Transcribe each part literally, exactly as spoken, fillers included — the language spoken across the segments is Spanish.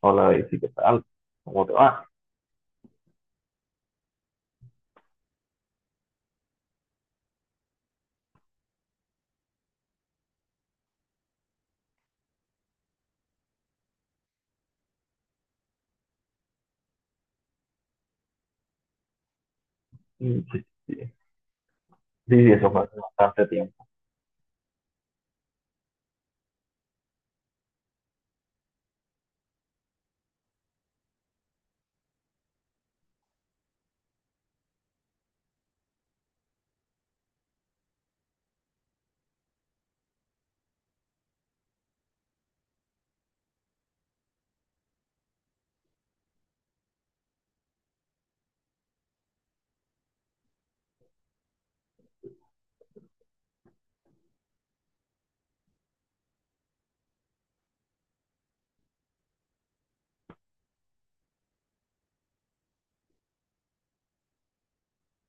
Hola Daisy, ¿qué tal? ¿Cómo te va? Mm, sí, sí, sí, sí, eso fue hace bastante tiempo.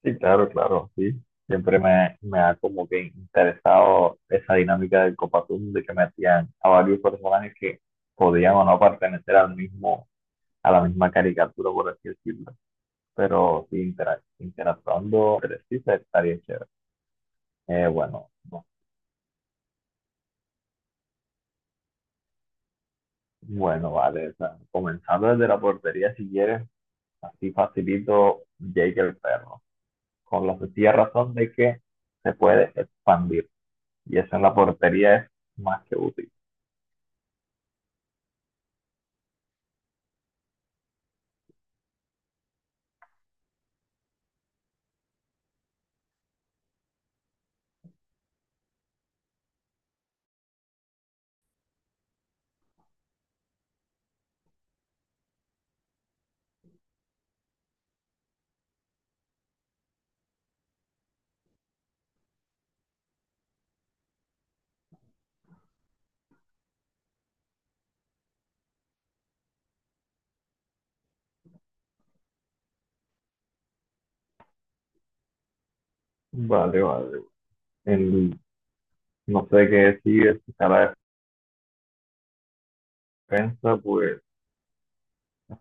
Sí, claro, claro, sí. Siempre me, me ha como que interesado esa dinámica del Copatún de que metían a varios personajes que podían o no pertenecer al mismo, a la misma caricatura, por así decirlo. Pero sí, intera- interactuando entre sí se- estaría chévere. Eh, bueno, no. Bueno, vale. O sea, comenzando desde la portería, si quieres, así facilito Jake el perro, con la sencilla razón de que se puede expandir. Y eso en la portería es más que útil. Vale, vale. En- no sé qué decir. Si la defensa, pues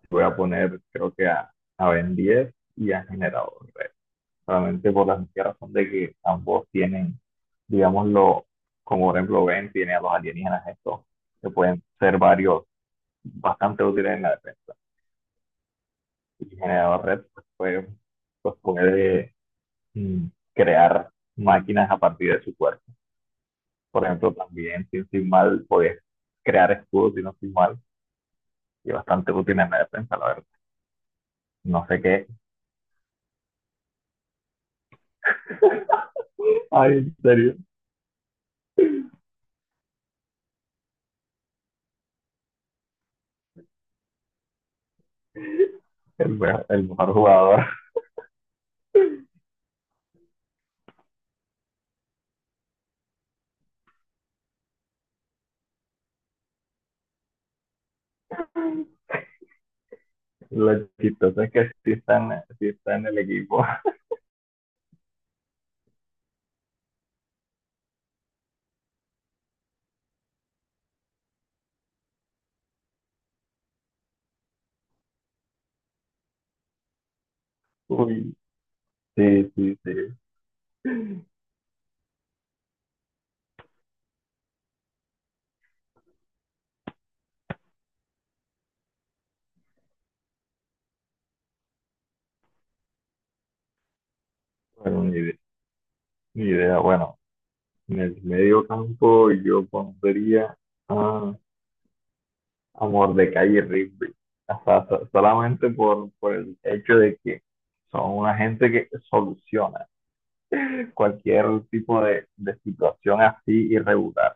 voy a poner creo que a, a Ben diez y a Generador Red. Solamente por la sencilla razón de que ambos tienen, digámoslo, como por ejemplo Ben tiene a los alienígenas estos, que pueden ser varios bastante útiles en la defensa. Y Generador Red pues, pues, pues puede Mm, crear mm, máquinas a partir de su cuerpo. Por ejemplo, también, si no estoy mal, podías crear escudos, si no estoy mal, y bastante útil en la defensa, la verdad. No sé qué. Ay, en serio. El, me- el mejor jugador. Lo chistoso es que sí está en, sí está en el equipo. Uy, sí, sí, sí. Bueno, ni, ide- ni idea. Bueno, en el medio campo yo pondría a Amor de calle Rigby. O sea, so- solamente por, por el hecho de que son una gente que soluciona cualquier tipo de, de situación así irregular.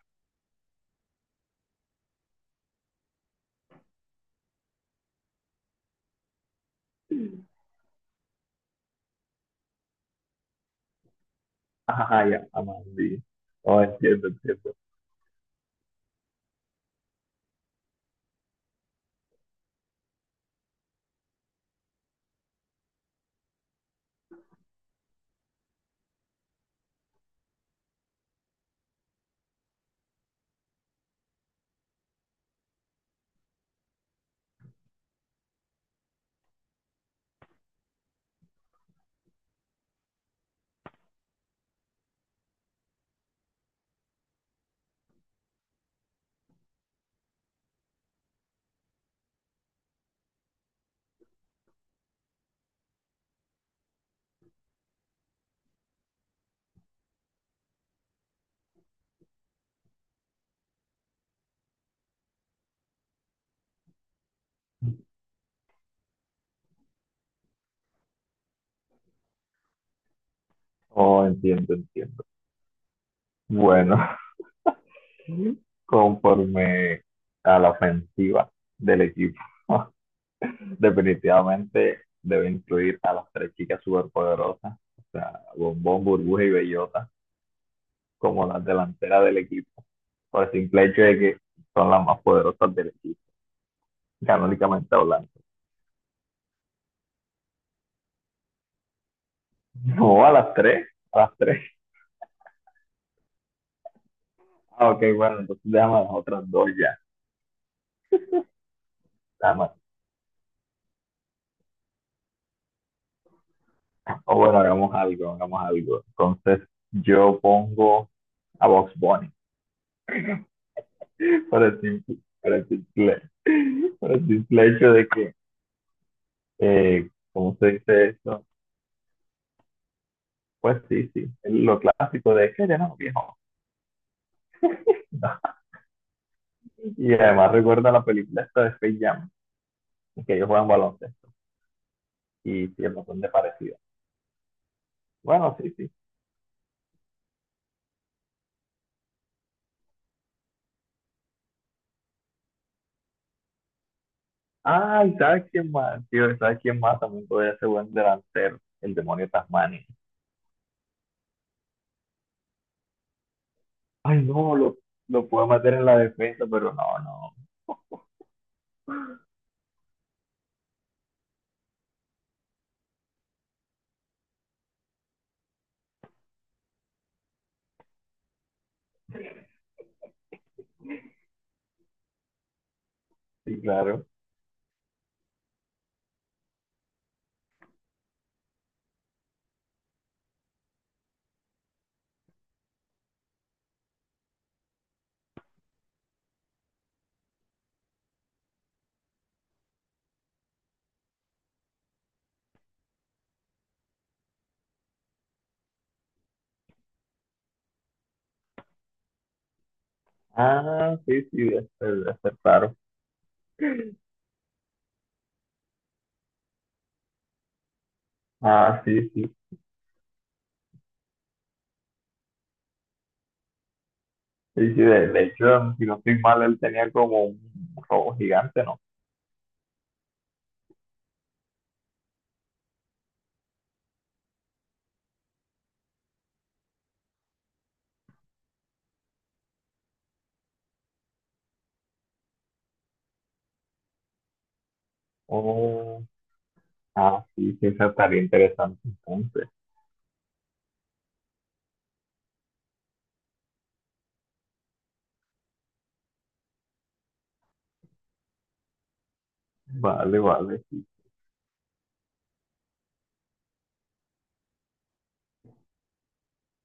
Ajá, ya, Amandi. Oh, entiendo, entiendo. Oh, entiendo, entiendo. Bueno, conforme a la ofensiva del equipo, definitivamente debe incluir a las tres chicas superpoderosas, o sea, Bombón, Burbuja y Bellota, como las delanteras del equipo, por el simple hecho de que son las más poderosas del equipo, canónicamente hablando. No, a las tres, a las tres. Ah, ok, bueno, entonces déjame a las otras dos ya. Nada. O bueno, hagamos algo, hagamos algo. Entonces yo pongo a Box Bunny por el simple, por el simple, por el simple hecho de que, eh, ¿cómo se dice eso? Pues sí, sí, lo clásico de que ya no, viejo. No. Y además recuerda la película esta de Space Jam, en que ellos juegan baloncesto y tiene un montón de parecido. Bueno, sí, sí, ay, ¿sabes quién más? Tío, ¿sabes quién más? También podría ser buen delantero, el demonio Tasmania. Ay, no, lo, lo puedo meter en la defensa, pero no, no. Sí, claro. Ah, sí, sí, debe ser, debe ser, claro. Ah, sí, sí. Sí, sí, de, de hecho, si no estoy mal, él tenía como un robo gigante, ¿no? Oh, ah, sí, sí, esa estaría interesante entonces. Vale, vale, sí.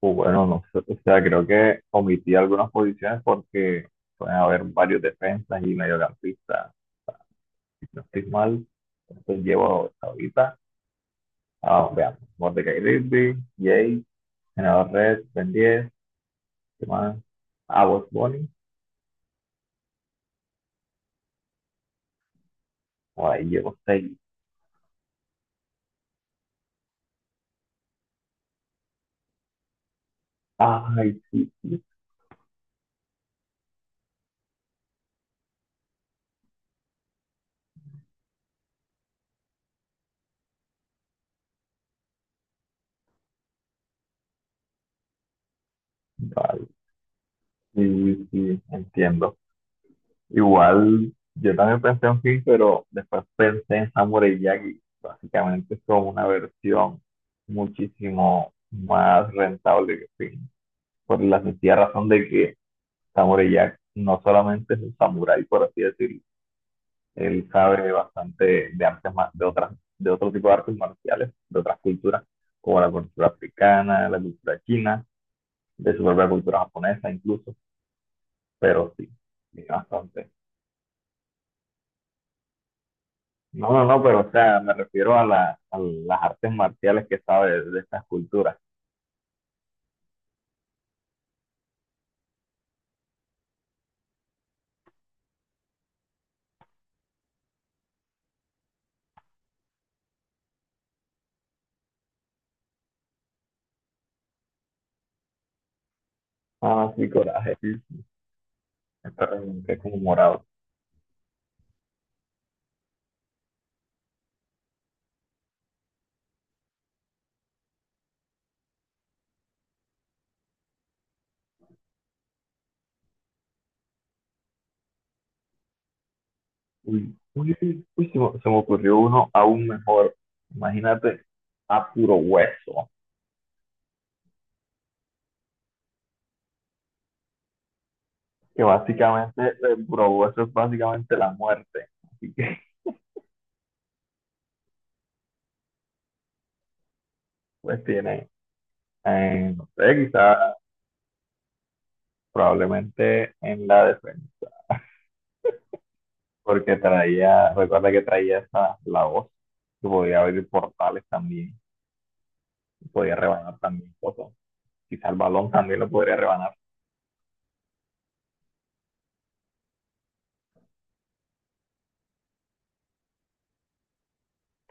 Pues bueno, no sé, o sea, creo que omití algunas posiciones porque pueden haber varios defensas y mediocampistas si no estoy mal. Entonces llevo hasta ahorita. Ah, veamos. Mordecai, Rigby, Jay, Senador Red, Ben diez, ¿qué más? Ah, Bugs Bunny. Por ahí llevo seis. Ay, sí, sí, vale. Sí, sí, entiendo. Igual, yo también pensé en Finn, pero después pensé en Samurai Jack y básicamente es como una versión muchísimo más rentable que Finn. Por la sencilla razón de que Samurai Jack no solamente es un samurái, por así decirlo. Él sabe bastante de artes, ma- de otras, de otro tipo de artes marciales, de otras culturas, como la cultura africana, la cultura china, de su propia cultura japonesa incluso, pero sí, sí, bastante. No, no, no, pero o sea, me refiero a la- a las artes marciales que sabe de, de estas culturas. Ah, sí, coraje, sí. Me remonté como morado. Uy, uy, uy, uy, se me, se me ocurrió uno aún mejor. Imagínate a puro hueso. Que básicamente, eh, bro, eso es básicamente la muerte. Así que pues tiene, eh, no sé, quizás probablemente en la defensa, porque traía, recuerda que traía esa, la voz, que podía abrir portales también, y podía rebanar también cosas. Quizás el balón también lo podría rebanar.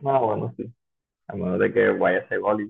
No, bueno, sí. A menos de que vaya ese gol y,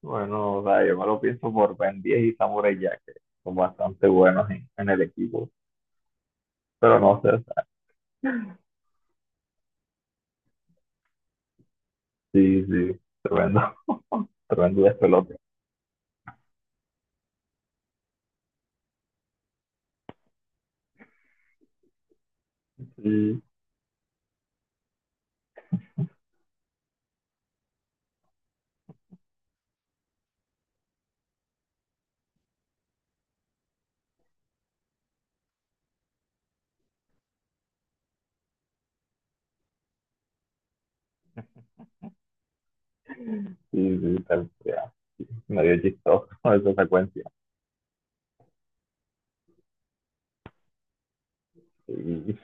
bueno, o sea, yo me lo pienso por Ben diez y Samurai Jack, que son bastante buenos en, en el equipo. Pero no sé, o sea, sí, sí, tremendo, tremendo despelote. Y Sí, sí, tal, ya. Medio chistoso esa secuencia. Sí,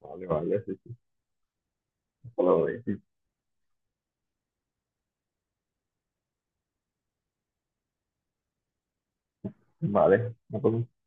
vale, vale, sí, sí, vale, no pasa